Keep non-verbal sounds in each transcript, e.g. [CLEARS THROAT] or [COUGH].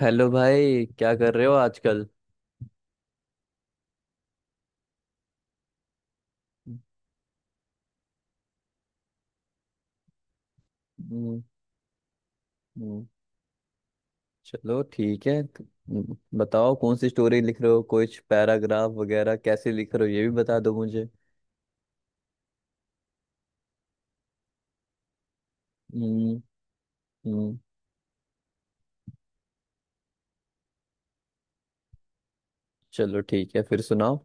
Hello भाई, क्या कर रहे हो आजकल? हम्म। हम्म। चलो ठीक है। बताओ कौन सी स्टोरी लिख रहे हो? कुछ पैराग्राफ वगैरह कैसे लिख रहे हो ये भी बता दो मुझे। हम्म। हम्म, चलो ठीक है, फिर सुनाओ।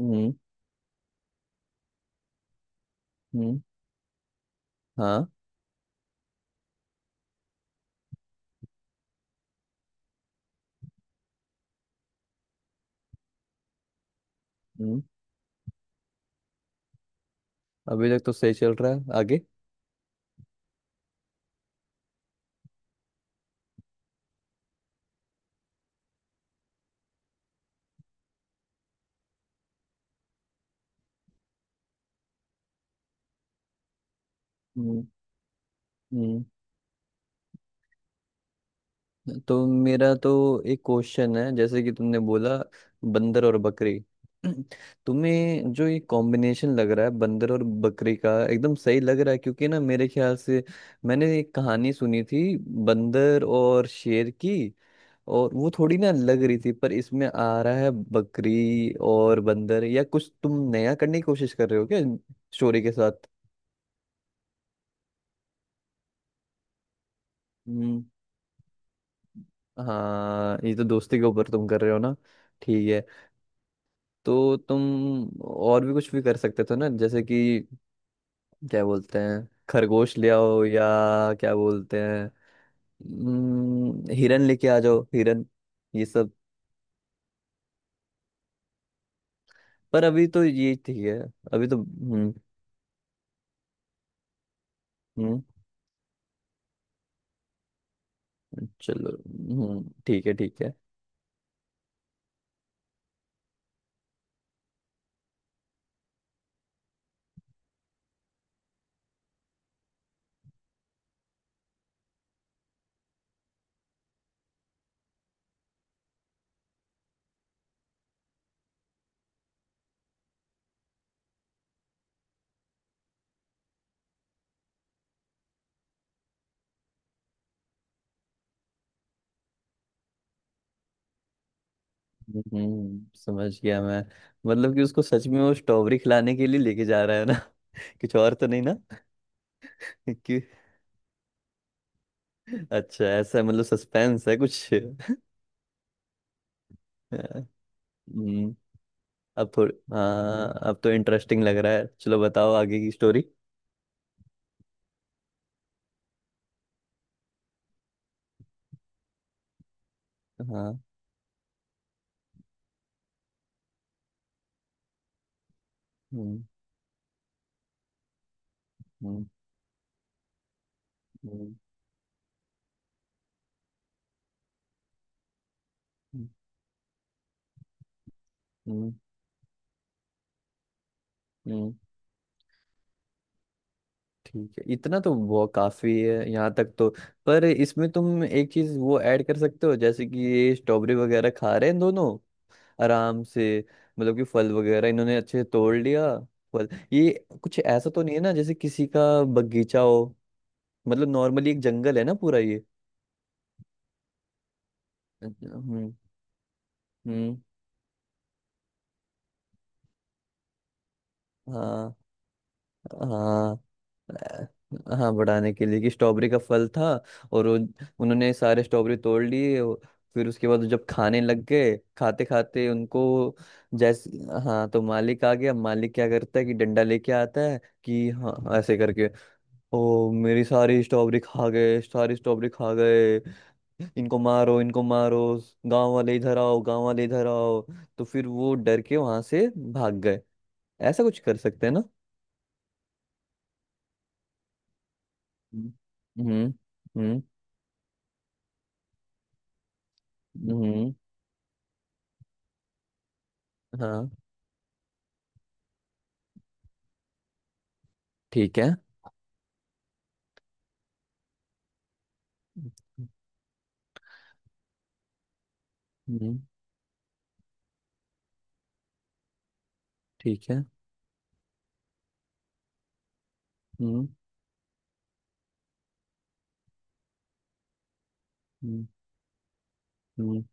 हम्म। हम्म। हाँ। हम्म। अभी तक तो सही चल रहा है, आगे। हम्म। हम्म। तो मेरा तो एक क्वेश्चन है, जैसे कि तुमने बोला, बंदर और बकरी। [CLEARS THROAT] तुम्हें जो ये कॉम्बिनेशन लग रहा है बंदर और बकरी का एकदम सही लग रहा है, क्योंकि ना मेरे ख्याल से मैंने एक कहानी सुनी थी, बंदर और शेर की, और वो थोड़ी ना लग रही थी। पर इसमें आ रहा है बकरी और बंदर, या कुछ तुम नया करने की कोशिश कर रहे हो क्या स्टोरी के साथ? हम्म, हाँ, ये तो दोस्ती के ऊपर तुम कर रहे हो ना। ठीक है। तो तुम और भी कुछ भी कर सकते थे ना, जैसे कि क्या बोलते हैं, खरगोश ले आओ, या क्या बोलते हैं, हिरन लेके आ जाओ, हिरन, ये सब। पर अभी तो ये ठीक है, अभी तो। हम्म। चलो। हम्म, ठीक है, ठीक है। समझ गया मैं। मतलब कि उसको सच में वो स्ट्रॉबेरी खिलाने के लिए लेके जा रहा है ना? [LAUGHS] कुछ और तो नहीं ना? [LAUGHS] कि। अच्छा, ऐसा मतलब सस्पेंस है कुछ? [LAUGHS] हम्म अब थोड़ी, हाँ, अब तो इंटरेस्टिंग लग रहा है। चलो बताओ आगे की स्टोरी। हाँ। हम्म। हम्म। हम्म। हम्म। हम्म। ठीक है, इतना तो वो काफी है, यहाँ तक तो। पर इसमें तुम एक चीज वो ऐड कर सकते हो, जैसे कि ये स्ट्रॉबेरी वगैरह खा रहे हैं दोनों आराम से, मतलब कि फल वगैरह इन्होंने अच्छे से तोड़ लिया। फल ये कुछ ऐसा तो नहीं है ना जैसे किसी का बगीचा हो? मतलब नॉर्मली एक जंगल है ना पूरा ये। अच्छा, हम्म। हम्म। हाँ, हाँ। अ, हाँ, बढ़ाने के लिए कि स्ट्रॉबेरी का फल था। और वो उन्होंने सारे स्ट्रॉबेरी तोड़ लिए। फिर उसके बाद जब खाने लग गए, खाते खाते उनको, जैसे, हाँ तो मालिक आ गया। मालिक क्या करता है कि डंडा लेके आता है कि हाँ हाँ, ऐसे करके, ओ मेरी सारी स्ट्रॉबेरी खा गए, सारी स्ट्रॉबेरी खा गए, इनको मारो, इनको मारो, गांव वाले इधर आओ, गांव वाले इधर आओ। तो फिर वो डर के वहां से भाग गए। ऐसा कुछ कर सकते हैं ना? हम्म। हम्म। हम्म। हाँ। ठीक है। हम्म। ठीक है। हम्म। हम्म। हम्म।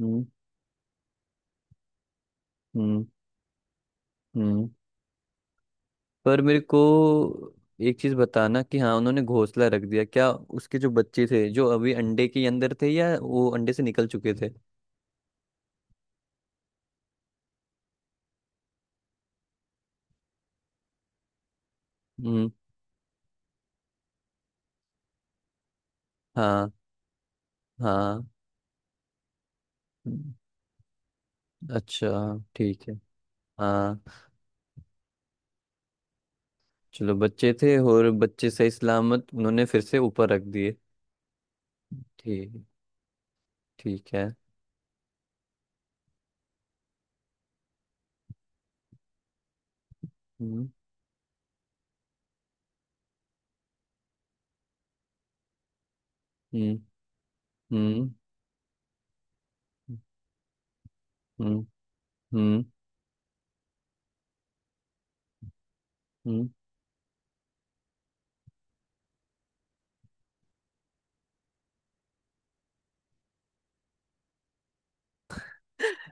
हम्म। हम्म। हम्म। पर मेरे को एक चीज बताना कि हाँ उन्होंने घोंसला रख दिया, क्या उसके जो बच्चे थे जो अभी अंडे के अंदर थे, या वो अंडे से निकल चुके थे? हम्म। हाँ। हाँ। हम्म। अच्छा। ठीक है। हाँ। चलो, बच्चे थे और बच्चे सही सलामत उन्होंने फिर से ऊपर रख दिए। ठीक। ठीक है। हम्म। हम्म। हम्म। हम्म। हम्म। हम्म।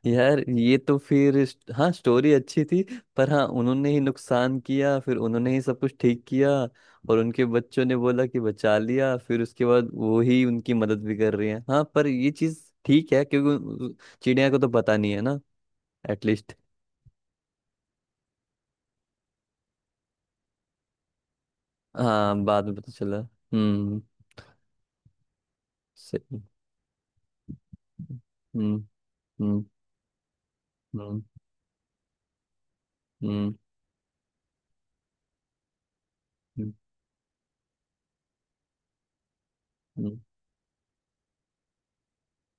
यार, ये तो फिर हाँ, स्टोरी अच्छी थी। पर हाँ, उन्होंने ही नुकसान किया, फिर उन्होंने ही सब कुछ ठीक किया। और उनके बच्चों ने बोला कि बचा लिया, फिर उसके बाद वो ही उनकी मदद भी कर रही है। हाँ पर ये चीज ठीक है क्योंकि चिड़िया को तो पता नहीं है ना, एटलीस्ट। हाँ, बाद में पता चला। हम्म। सही। हम्म। हम्म। हम्म। हम्म। हम्म।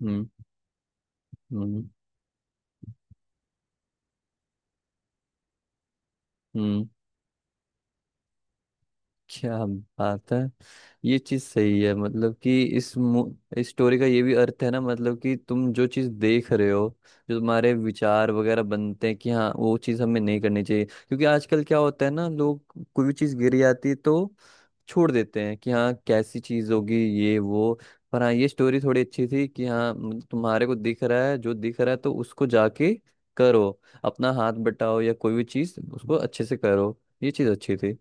हम्म। हम्म। हम्म। क्या बात है। ये चीज सही है, मतलब कि इस स्टोरी का ये भी अर्थ है ना, मतलब कि तुम जो चीज देख रहे हो, जो तुम्हारे विचार वगैरह बनते हैं कि हाँ वो चीज हमें नहीं करनी चाहिए, क्योंकि आजकल क्या होता है ना, लोग कोई भी चीज गिरी आती है तो छोड़ देते हैं कि हाँ कैसी चीज होगी ये वो। पर हाँ, ये स्टोरी थोड़ी अच्छी थी कि हाँ, मतलब तुम्हारे को दिख रहा है जो दिख रहा है तो उसको जाके करो, अपना हाथ बटाओ या कोई भी चीज उसको अच्छे से करो। ये चीज अच्छी थी।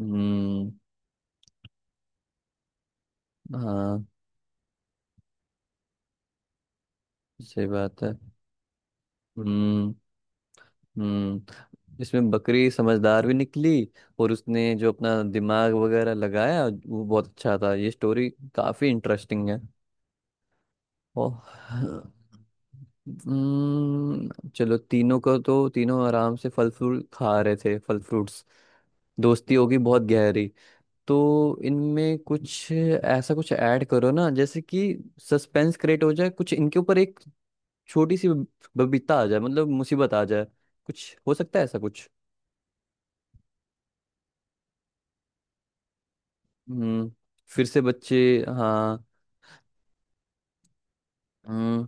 हम्म। हाँ, सही बात है। हम्म। इसमें बकरी समझदार भी निकली, और उसने जो अपना दिमाग वगैरह लगाया वो बहुत अच्छा था। ये स्टोरी काफी इंटरेस्टिंग है। और चलो, तीनों को तो तीनों आराम से फल फ्रूट खा रहे थे, फल फ्रूट्स, दोस्ती होगी बहुत गहरी, तो इनमें कुछ ऐसा कुछ ऐड करो ना, जैसे कि सस्पेंस क्रिएट हो जाए, कुछ इनके ऊपर एक छोटी सी बबीता आ जाए, मतलब मुसीबत आ जाए, कुछ हो सकता है ऐसा कुछ। हम्म फिर से बच्चे। हाँ। हम्म।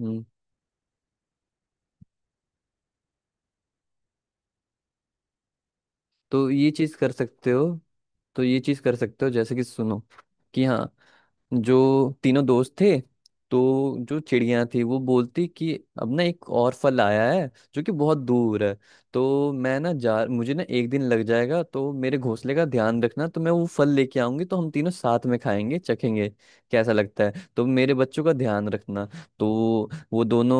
हम्म। तो ये चीज कर सकते हो। तो ये चीज कर सकते हो, जैसे कि सुनो, कि हाँ, जो तीनों दोस्त थे, तो जो चिड़िया थी वो बोलती कि अब ना एक और फल आया है जो कि बहुत दूर है, तो मैं ना जा, मुझे ना एक दिन लग जाएगा, तो मेरे घोंसले का ध्यान रखना, तो मैं वो फल लेके आऊंगी, तो हम तीनों साथ में खाएंगे, चखेंगे कैसा लगता है, तो मेरे बच्चों का ध्यान रखना। तो वो दोनों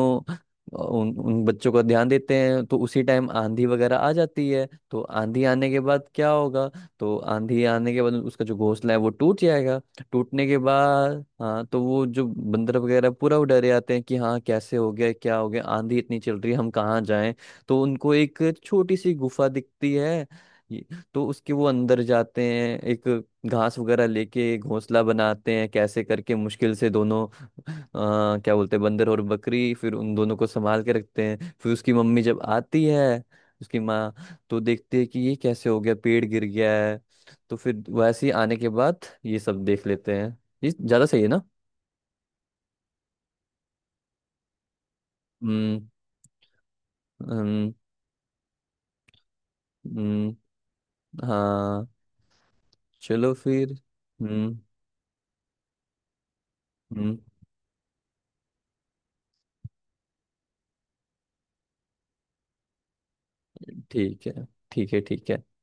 उन उन बच्चों का ध्यान देते हैं, तो उसी टाइम आंधी वगैरह आ जाती है, तो आंधी आने के बाद क्या होगा। तो आंधी आने के बाद उसका जो घोंसला है वो टूट जाएगा। टूटने के बाद हाँ, तो वो जो बंदर वगैरह पूरा वो डरे आते हैं कि हाँ, कैसे हो गया, क्या हो गया, आंधी इतनी चल रही है, हम कहाँ जाएं? तो उनको एक छोटी सी गुफा दिखती है ये- तो उसके वो अंदर जाते हैं, एक घास वगैरह लेके घोंसला बनाते हैं कैसे करके, मुश्किल से, दोनों क्या बोलते हैं, बंदर और बकरी फिर उन दोनों को संभाल के रखते हैं। फिर उसकी मम्मी जब आती है, उसकी माँ, तो देखते हैं कि ये कैसे हो गया, पेड़ गिर गया है। तो फिर वैसे ही आने के बाद ये सब देख लेते हैं। ये ज़्यादा सही है ना? हम्म। हम्म। हम्म, हाँ। चलो फिर। हम्म। हम्म, ठीक है, ठीक है, ठीक है।